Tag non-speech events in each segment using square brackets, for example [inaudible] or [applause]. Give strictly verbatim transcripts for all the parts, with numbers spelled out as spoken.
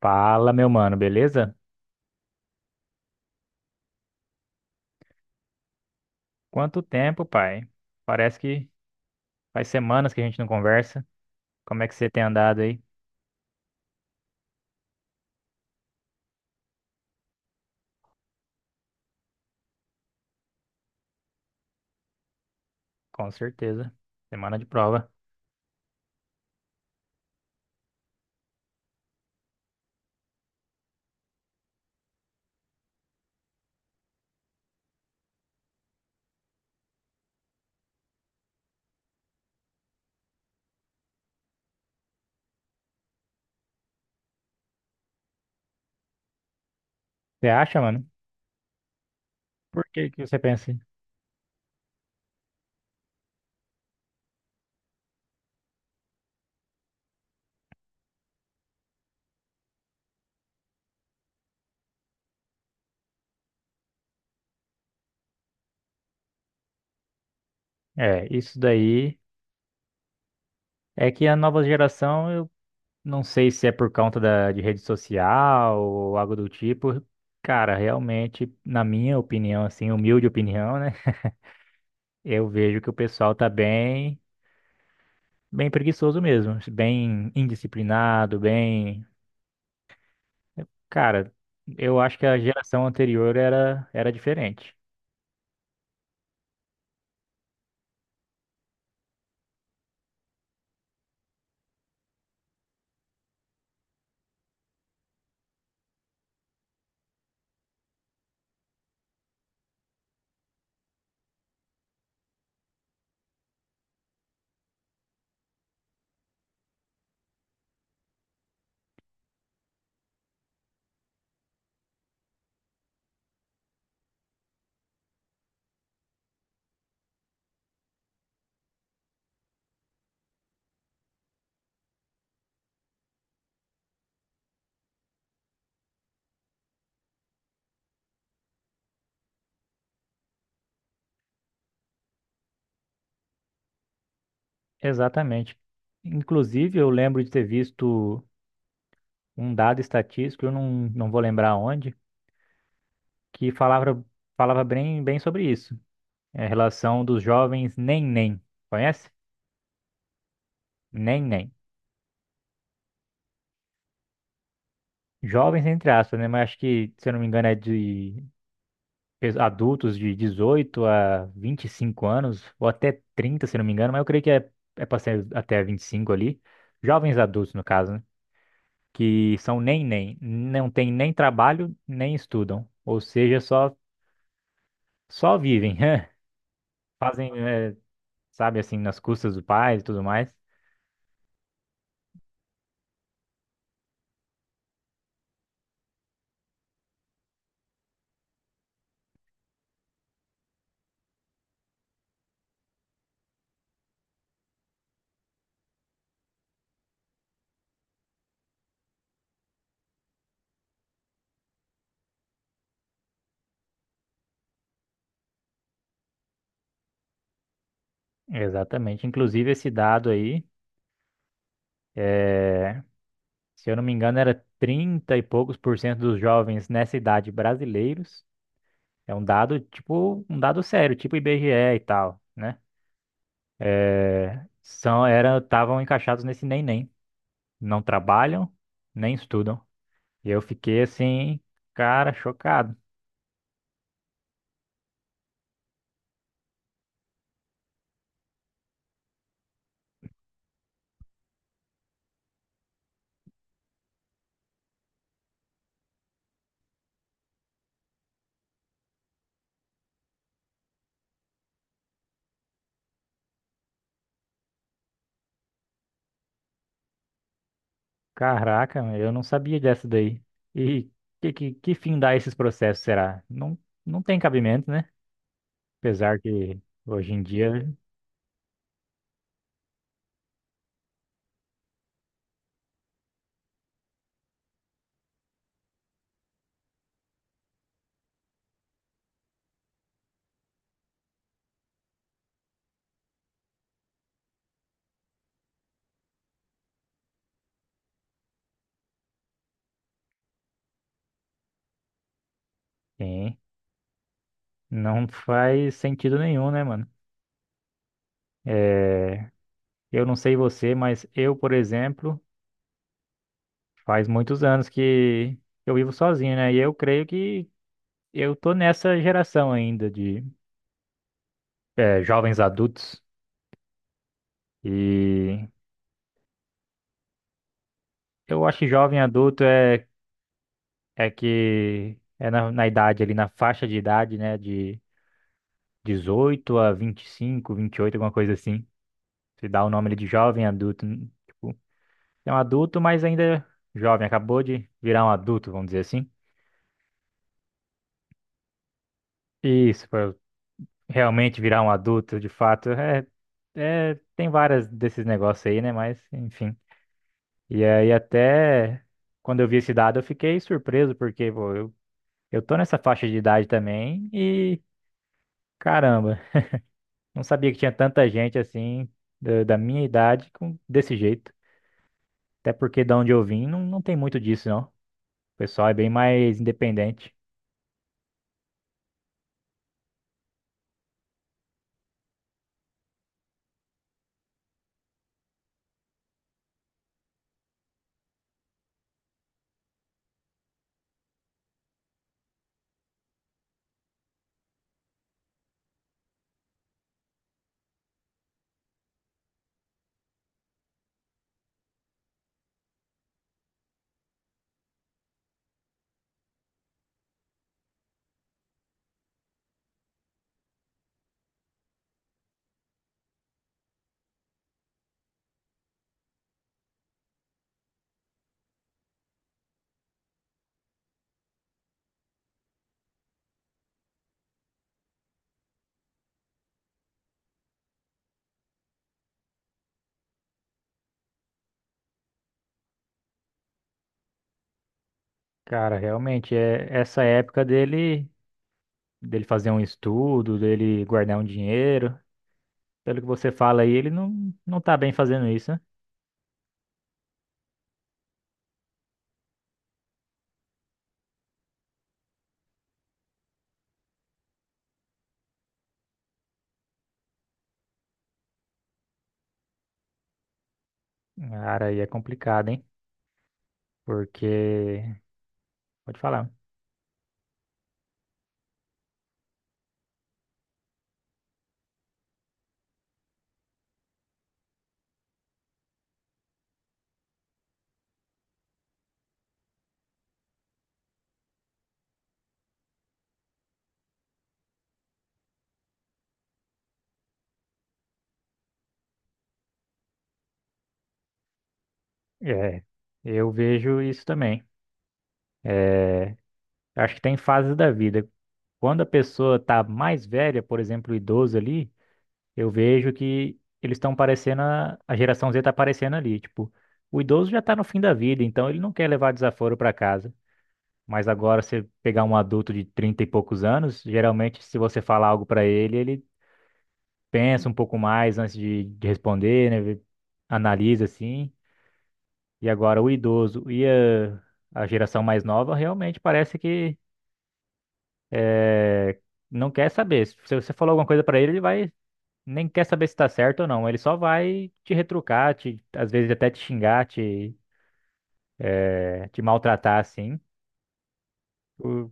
Fala, meu mano, beleza? Quanto tempo, pai? Parece que faz semanas que a gente não conversa. Como é que você tem andado aí? Com certeza. Semana de prova. Você acha, mano? Por que que você pensa? Assim? É, isso daí é que a nova geração, eu não sei se é por conta da, de rede social ou algo do tipo. Cara, realmente, na minha opinião, assim, humilde opinião, né? [laughs] Eu vejo que o pessoal tá bem, bem preguiçoso mesmo, bem indisciplinado, bem. Cara, eu acho que a geração anterior era, era diferente. Exatamente. Inclusive, eu lembro de ter visto um dado estatístico, eu não, não vou lembrar onde, que falava, falava bem, bem sobre isso. É, a relação dos jovens nem-nem. Conhece? Nem-nem. Jovens, entre aspas, né? Mas acho que, se eu não me engano, é de pes- adultos de dezoito a vinte e cinco anos, ou até trinta, se eu não me engano, mas eu creio que é, é para ser até vinte e cinco ali. Jovens adultos, no caso, né? que são nem nem, não tem nem trabalho, nem estudam, ou seja, só só vivem, [laughs] fazem, eh, sabe assim, nas custas do pai e tudo mais. Exatamente. Inclusive esse dado aí, se eu não me engano, era trinta e poucos por cento dos jovens nessa idade brasileiros. É um dado tipo, um dado sério, tipo IBGE e tal, né? É, são eram estavam encaixados nesse nem nem, não trabalham, nem estudam. E eu fiquei assim, cara, chocado. Caraca, meu, eu não sabia dessa daí. E que, que, que fim dá esses processos, será? Não, não tem cabimento, né? Apesar que hoje em dia tem. Não faz sentido nenhum, né, mano? É, eu não sei você, mas eu, por exemplo, faz muitos anos que eu vivo sozinho, né? E eu creio que eu tô nessa geração ainda de é, jovens adultos. E eu acho que jovem adulto é. É que é na, na idade ali, na faixa de idade, né? De dezoito a vinte vinte e cinco vinte e oito alguma coisa assim. Se dá o nome ali de jovem adulto. n- Tipo, é um adulto, mas ainda jovem. Acabou de virar um adulto, vamos dizer assim. Isso, pra realmente virar um adulto, de fato. É, é, tem várias desses negócios aí, né? Mas, enfim. E aí até quando eu vi esse dado, eu fiquei surpreso, porque, pô, eu, eu tô nessa faixa de idade também e... Caramba, não sabia que tinha tanta gente assim, da, da minha idade, com, desse jeito. Até porque da onde eu vim, não, não tem muito disso, não. O pessoal é bem mais independente. Cara, realmente, é essa época dele, dele fazer um estudo, dele guardar um dinheiro. Pelo que você fala aí, ele não, não tá bem fazendo isso, né? Cara, aí é complicado, hein? Porque, pode falar. É, eu vejo isso também. É, acho que tem fases da vida. Quando a pessoa tá mais velha, por exemplo, o idoso ali, eu vejo que eles estão parecendo, a, a geração Z tá aparecendo ali, tipo, o idoso já tá no fim da vida, então ele não quer levar desaforo para casa. Mas agora você pegar um adulto de trinta e poucos anos, geralmente se você falar algo para ele, ele pensa um pouco mais antes de, de responder, né? Ele analisa assim. E agora o idoso e a, a geração mais nova realmente parece que eh, não quer saber. Se você falou alguma coisa para ele, ele vai nem quer saber se tá certo ou não. Ele só vai te retrucar, te, às vezes até te xingar, te, é, te maltratar, assim. O-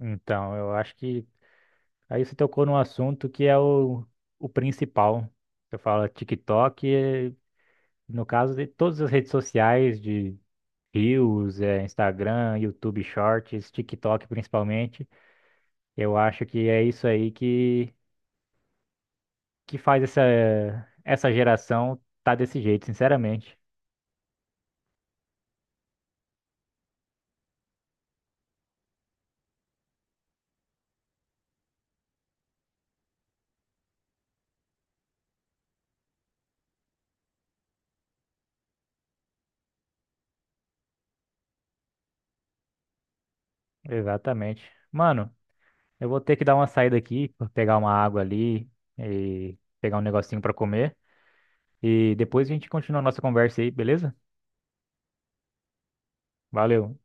Então, eu acho que aí você tocou num assunto que é o, o principal. Eu falo é TikTok, eh, no caso de todas as redes sociais de Reels, eh, Instagram, YouTube Shorts, TikTok principalmente. Eu acho que é isso aí que, que faz essa, essa geração tá desse jeito, sinceramente. Exatamente. Mano, eu vou ter que dar uma saída aqui, vou pegar uma água ali e pegar um negocinho pra comer. E depois a gente continua a nossa conversa aí, beleza? Valeu.